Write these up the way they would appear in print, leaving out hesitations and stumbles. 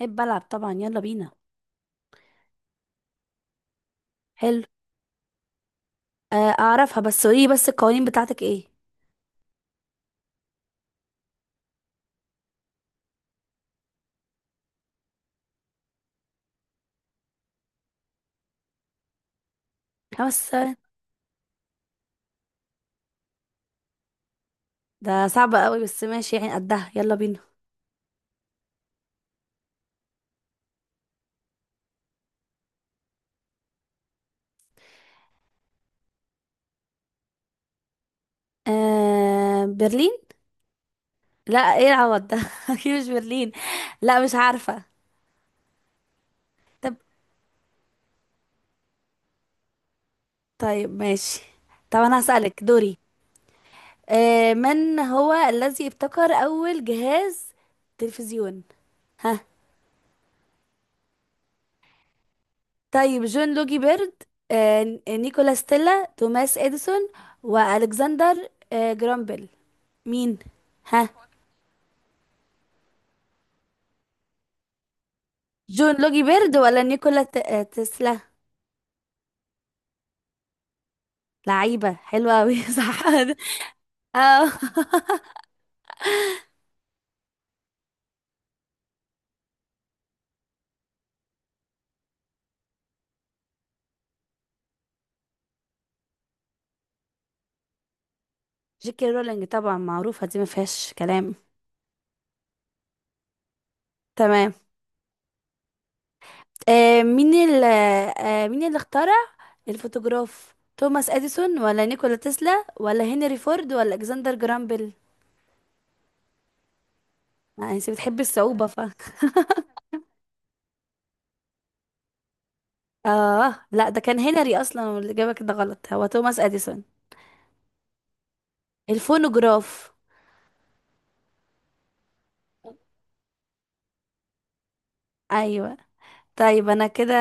احب العب طبعا، يلا بينا. حلو. آه اعرفها، بس قولي بس، القوانين بتاعتك ايه؟ خمس ثواني؟ ده صعب قوي، بس ماشي يعني، قدها. يلا بينا. آه، برلين. لا، ايه العوض ده اكيد مش برلين. لا مش عارفة. طب طيب، ماشي. طب انا هسألك دوري. من هو الذي ابتكر اول جهاز تلفزيون؟ ها؟ طيب، جون لوجي بيرد، نيكولا ستيلا، توماس اديسون، والكسندر جرامبل. مين؟ ها؟ جون لوجي بيرد ولا نيكولا تسلا؟ لعيبة حلوة أوي صح. اه. جيكي رولينج طبعا، معروفة دي، ما فيهاش كلام. تمام. مين اللي اخترع الفوتوغراف؟ توماس اديسون ولا نيكولا تسلا ولا هنري فورد ولا الكسندر جرام بيل؟ انت بتحبي الصعوبة ف اه لا، ده كان هنري اصلا، والاجابة كده غلط، هو توماس اديسون. الفونوغراف. ايوه. طيب انا كده،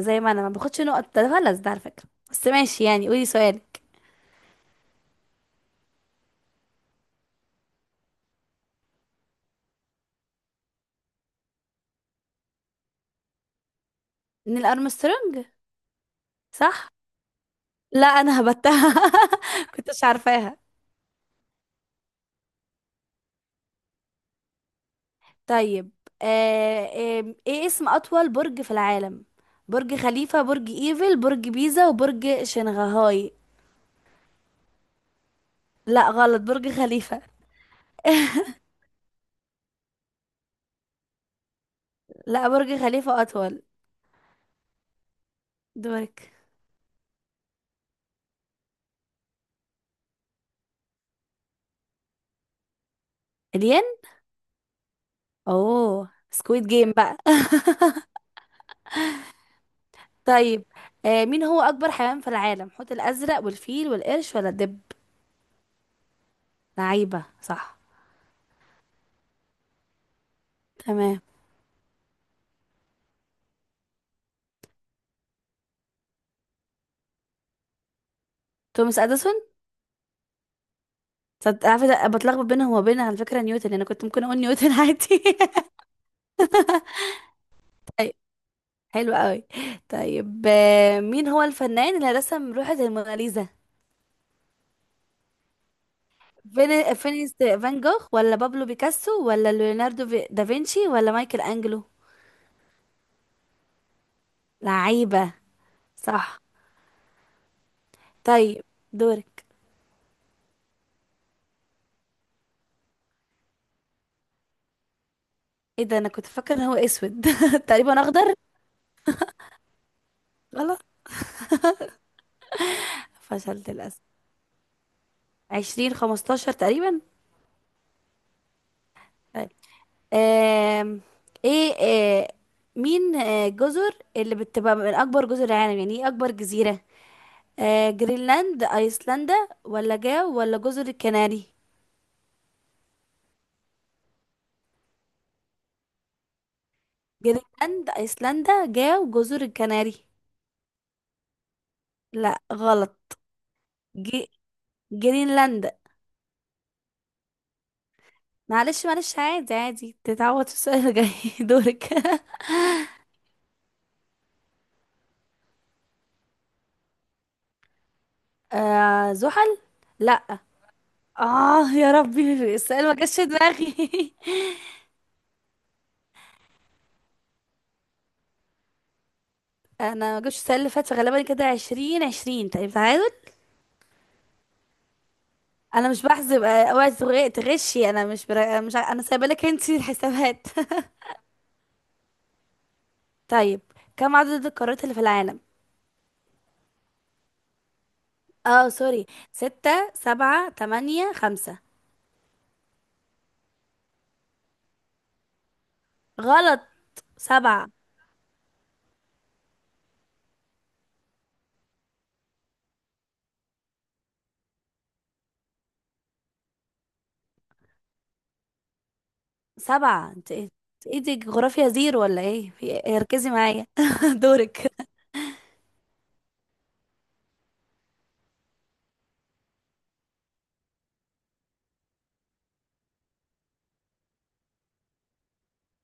زي ما انا ما باخدش نقط، ده غلط ده على فكرة. بس ماشي يعني، قولي سؤالك. نيل ارمسترونج. صح. لا انا هبتها. كنتش عارفاها. طيب. آه ايه اسم اطول برج في العالم؟ برج خليفة، برج ايفل، برج بيزا، وبرج شنغهاي؟ لا غلط، برج خليفة. لا برج خليفة اطول. دورك. الين. اوه، سكويد جيم بقى طيب، مين هو أكبر حيوان في العالم؟ حوت الأزرق والفيل والقرش ولا الدب؟ لعيبة، صح. تمام. توماس أديسون. عارفة بتلخبط بينهم وبين، على فكرة نيوتن أنا كنت ممكن أقول نيوتن عادي. طيب. حلو قوي. طيب مين هو الفنان اللي رسم لوحة الموناليزا؟ فين فينيس فان جوخ ولا بابلو بيكاسو ولا دافنشي ولا مايكل أنجلو؟ لعيبة، صح. طيب، دورك. ايه ده، انا كنت فاكره ان هو اسود تقريبا اخضر. غلط. فشلت للأسف. عشرين خمستاشر تقريبا. طيب. آم، ايه مين الجزر اللي بتبقى من أكبر جزر العالم؟ يعني ايه أكبر جزيرة؟ جرينلاند، أيسلندا، ولا جاو، ولا جزر الكناري؟ جرينلاند، أيسلندا، جاو، جزر الكناري. لا غلط. جي... جرينلاند. معلش معلش، عادي عادي، تتعوض في السؤال الجاي. دورك. آه، زحل. لا. اه يا ربي السؤال ما جاش في دماغي انا ما جبتش السنه اللي فاتت غالبا، كده عشرين عشرين تقريبا، تعادل. انا مش بحسب، اوعي تغشي. انا مش برا... مش ع- انا سايبه لك انت الحسابات. طيب. كم عدد القارات اللي في العالم؟ اه سوري. ستة، سبعة، تمانية، خمسة؟ غلط. سبعة. سبعة، انت ايه؟ انت ايه، دي جغرافيا زيرو ولا ايه، في إيه؟ ركزي معايا. دورك.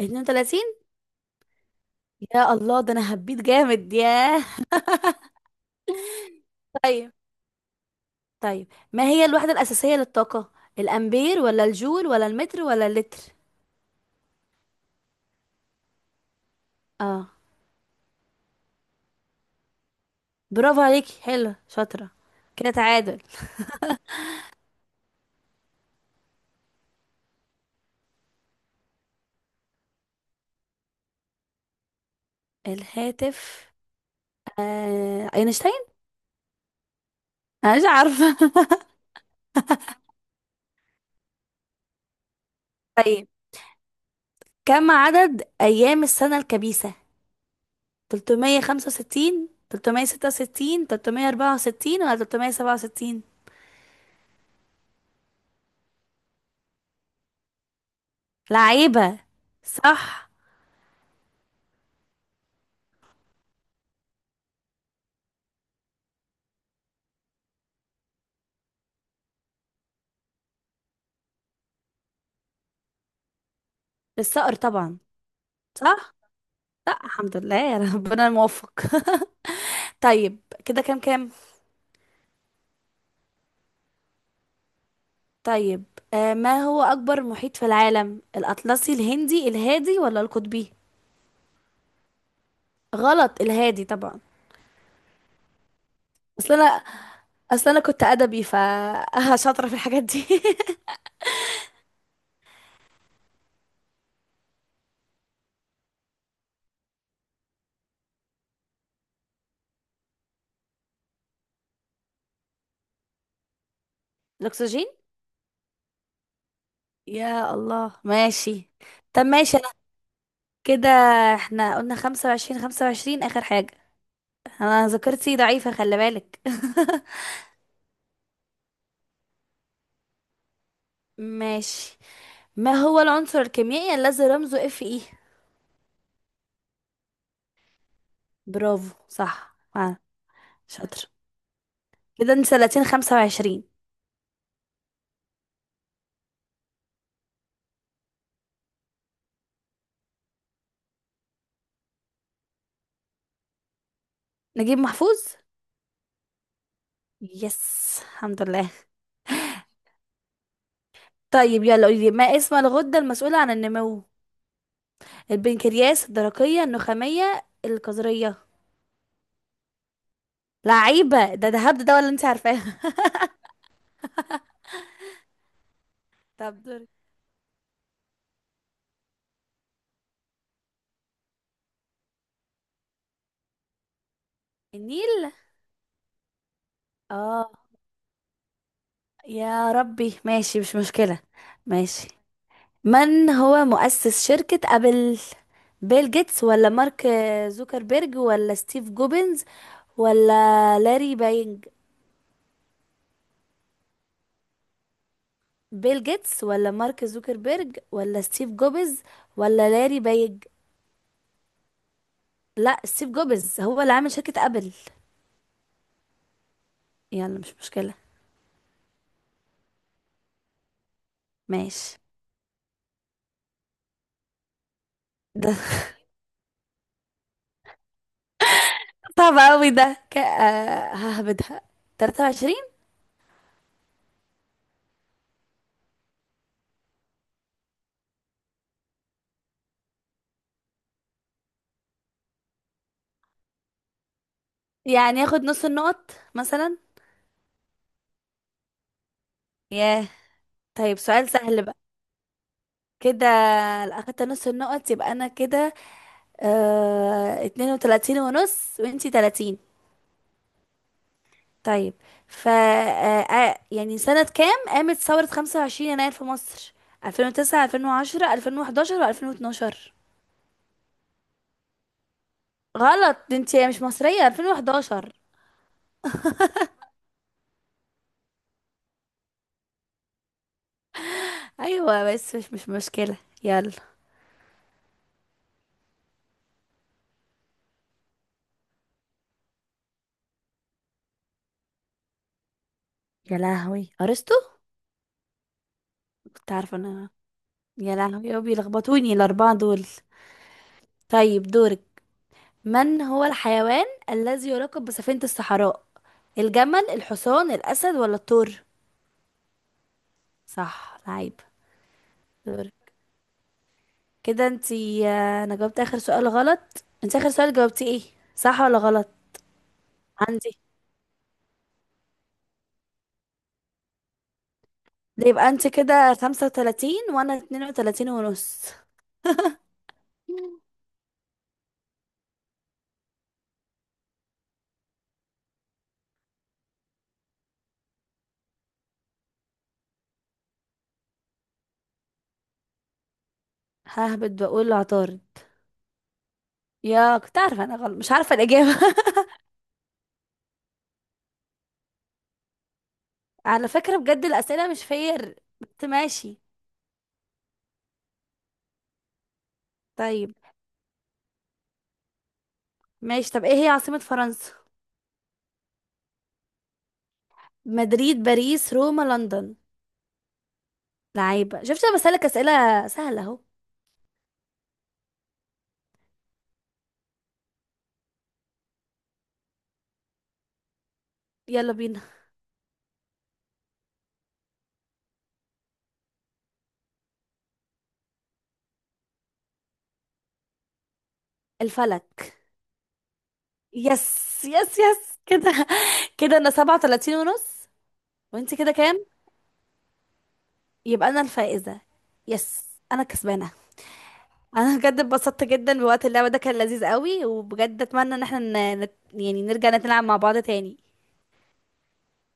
اتنين وتلاتين. يا الله، ده انا هبيت جامد، ياه. طيب. طيب، ما هي الوحدة الأساسية للطاقة؟ الأمبير ولا الجول ولا المتر ولا اللتر؟ اه. برافو عليكي، حلو شاطرة. كده تعادل. الهاتف. اينشتاين. انا مش عارفة. طيب، كم عدد أيام السنة الكبيسة؟ 365، 366، 364 ولا 367؟ لعيبة، صح. الصقر طبعا. صح. لا الحمد لله، يا ربنا الموفق. طيب كده كام كام. طيب ما هو أكبر محيط في العالم؟ الأطلسي، الهندي، الهادي، ولا القطبي؟ غلط، الهادي طبعا. أصل أنا، أصل أنا كنت أدبي ف شاطرة في الحاجات دي. الأكسجين. يا الله ماشي. طب ماشي أنا كده. احنا قلنا خمسة وعشرين خمسة وعشرين آخر حاجة. أنا ذاكرتي ضعيفة، خلي بالك. ماشي. ما هو العنصر الكيميائي الذي رمزه اف اي؟ برافو صح، آه. شاطر. كده انت 30، 25. نجيب محفوظ. يس الحمد لله. طيب يلا قولي لي، ما اسم الغدة المسؤولة عن النمو؟ البنكرياس، الدرقية، النخامية، الكظرية؟ لعيبة. ده هبد ده ولا انت عارفاه؟ طب دوري. النيل. اه يا ربي، ماشي مش مشكلة. ماشي. من هو مؤسس شركة أبل؟ بيل جيتس ولا مارك زوكربيرج ولا ستيف جوبنز ولا لاري بايج؟ بيل جيتس ولا مارك زوكربيرج ولا ستيف جوبز ولا لاري بايج؟ لا ستيف جوبز هو اللي عامل شركة ابل. يلا مش مشكلة. ماشي. ده صعب قوي ده ك... آه، ههبدها. 23. يعني ياخد نص النقط مثلا. ياه، طيب سؤال سهل بقى. كده، لو اخدت نص النقط يبقى انا كده 32 ونص، وانتي 30. طيب، ف يعني سنة كام قامت ثورة 25 يناير في مصر؟ 2009، 2010، 2011، و2012؟ غلط، دي انت مش مصرية. 2011. ايوه بس مش مشكلة. يلا. يا لهوي، ارسطو. كنت عارفة انا. يا لهوي، يا بيلخبطوني الاربعة دول. طيب دورك. من هو الحيوان الذي يراقب بسفينة الصحراء؟ الجمل، الحصان، الاسد، ولا الثور؟ صح، لعيب. دورك. كده انت، انا جاوبت اخر سؤال غلط، انت اخر سؤال جاوبتي ايه؟ صح ولا غلط؟ عندي. ده يبقى انت كده 35 وانا 32 ونص. ههبط، بقول عطارد. يا، كنت عارفة انا غلط، مش عارفة الإجابة. على فكرة بجد الأسئلة مش فير، بس ماشي. طيب ماشي. طب ايه هي عاصمة فرنسا؟ مدريد، باريس، روما، لندن؟ لعيبة. شفت، انا بسألك أسئلة سهلة اهو. يلا بينا. الفلك. يس يس يس كده. كده انا سبعة وتلاتين ونص. وانت كده كام؟ يبقى انا الفائزة. يس. انا كسبانة. انا بجد اتبسطت جدا بوقت اللعبة ده، كان لذيذ قوي، وبجد اتمنى ان احنا يعني نرجع نلعب مع بعض تاني.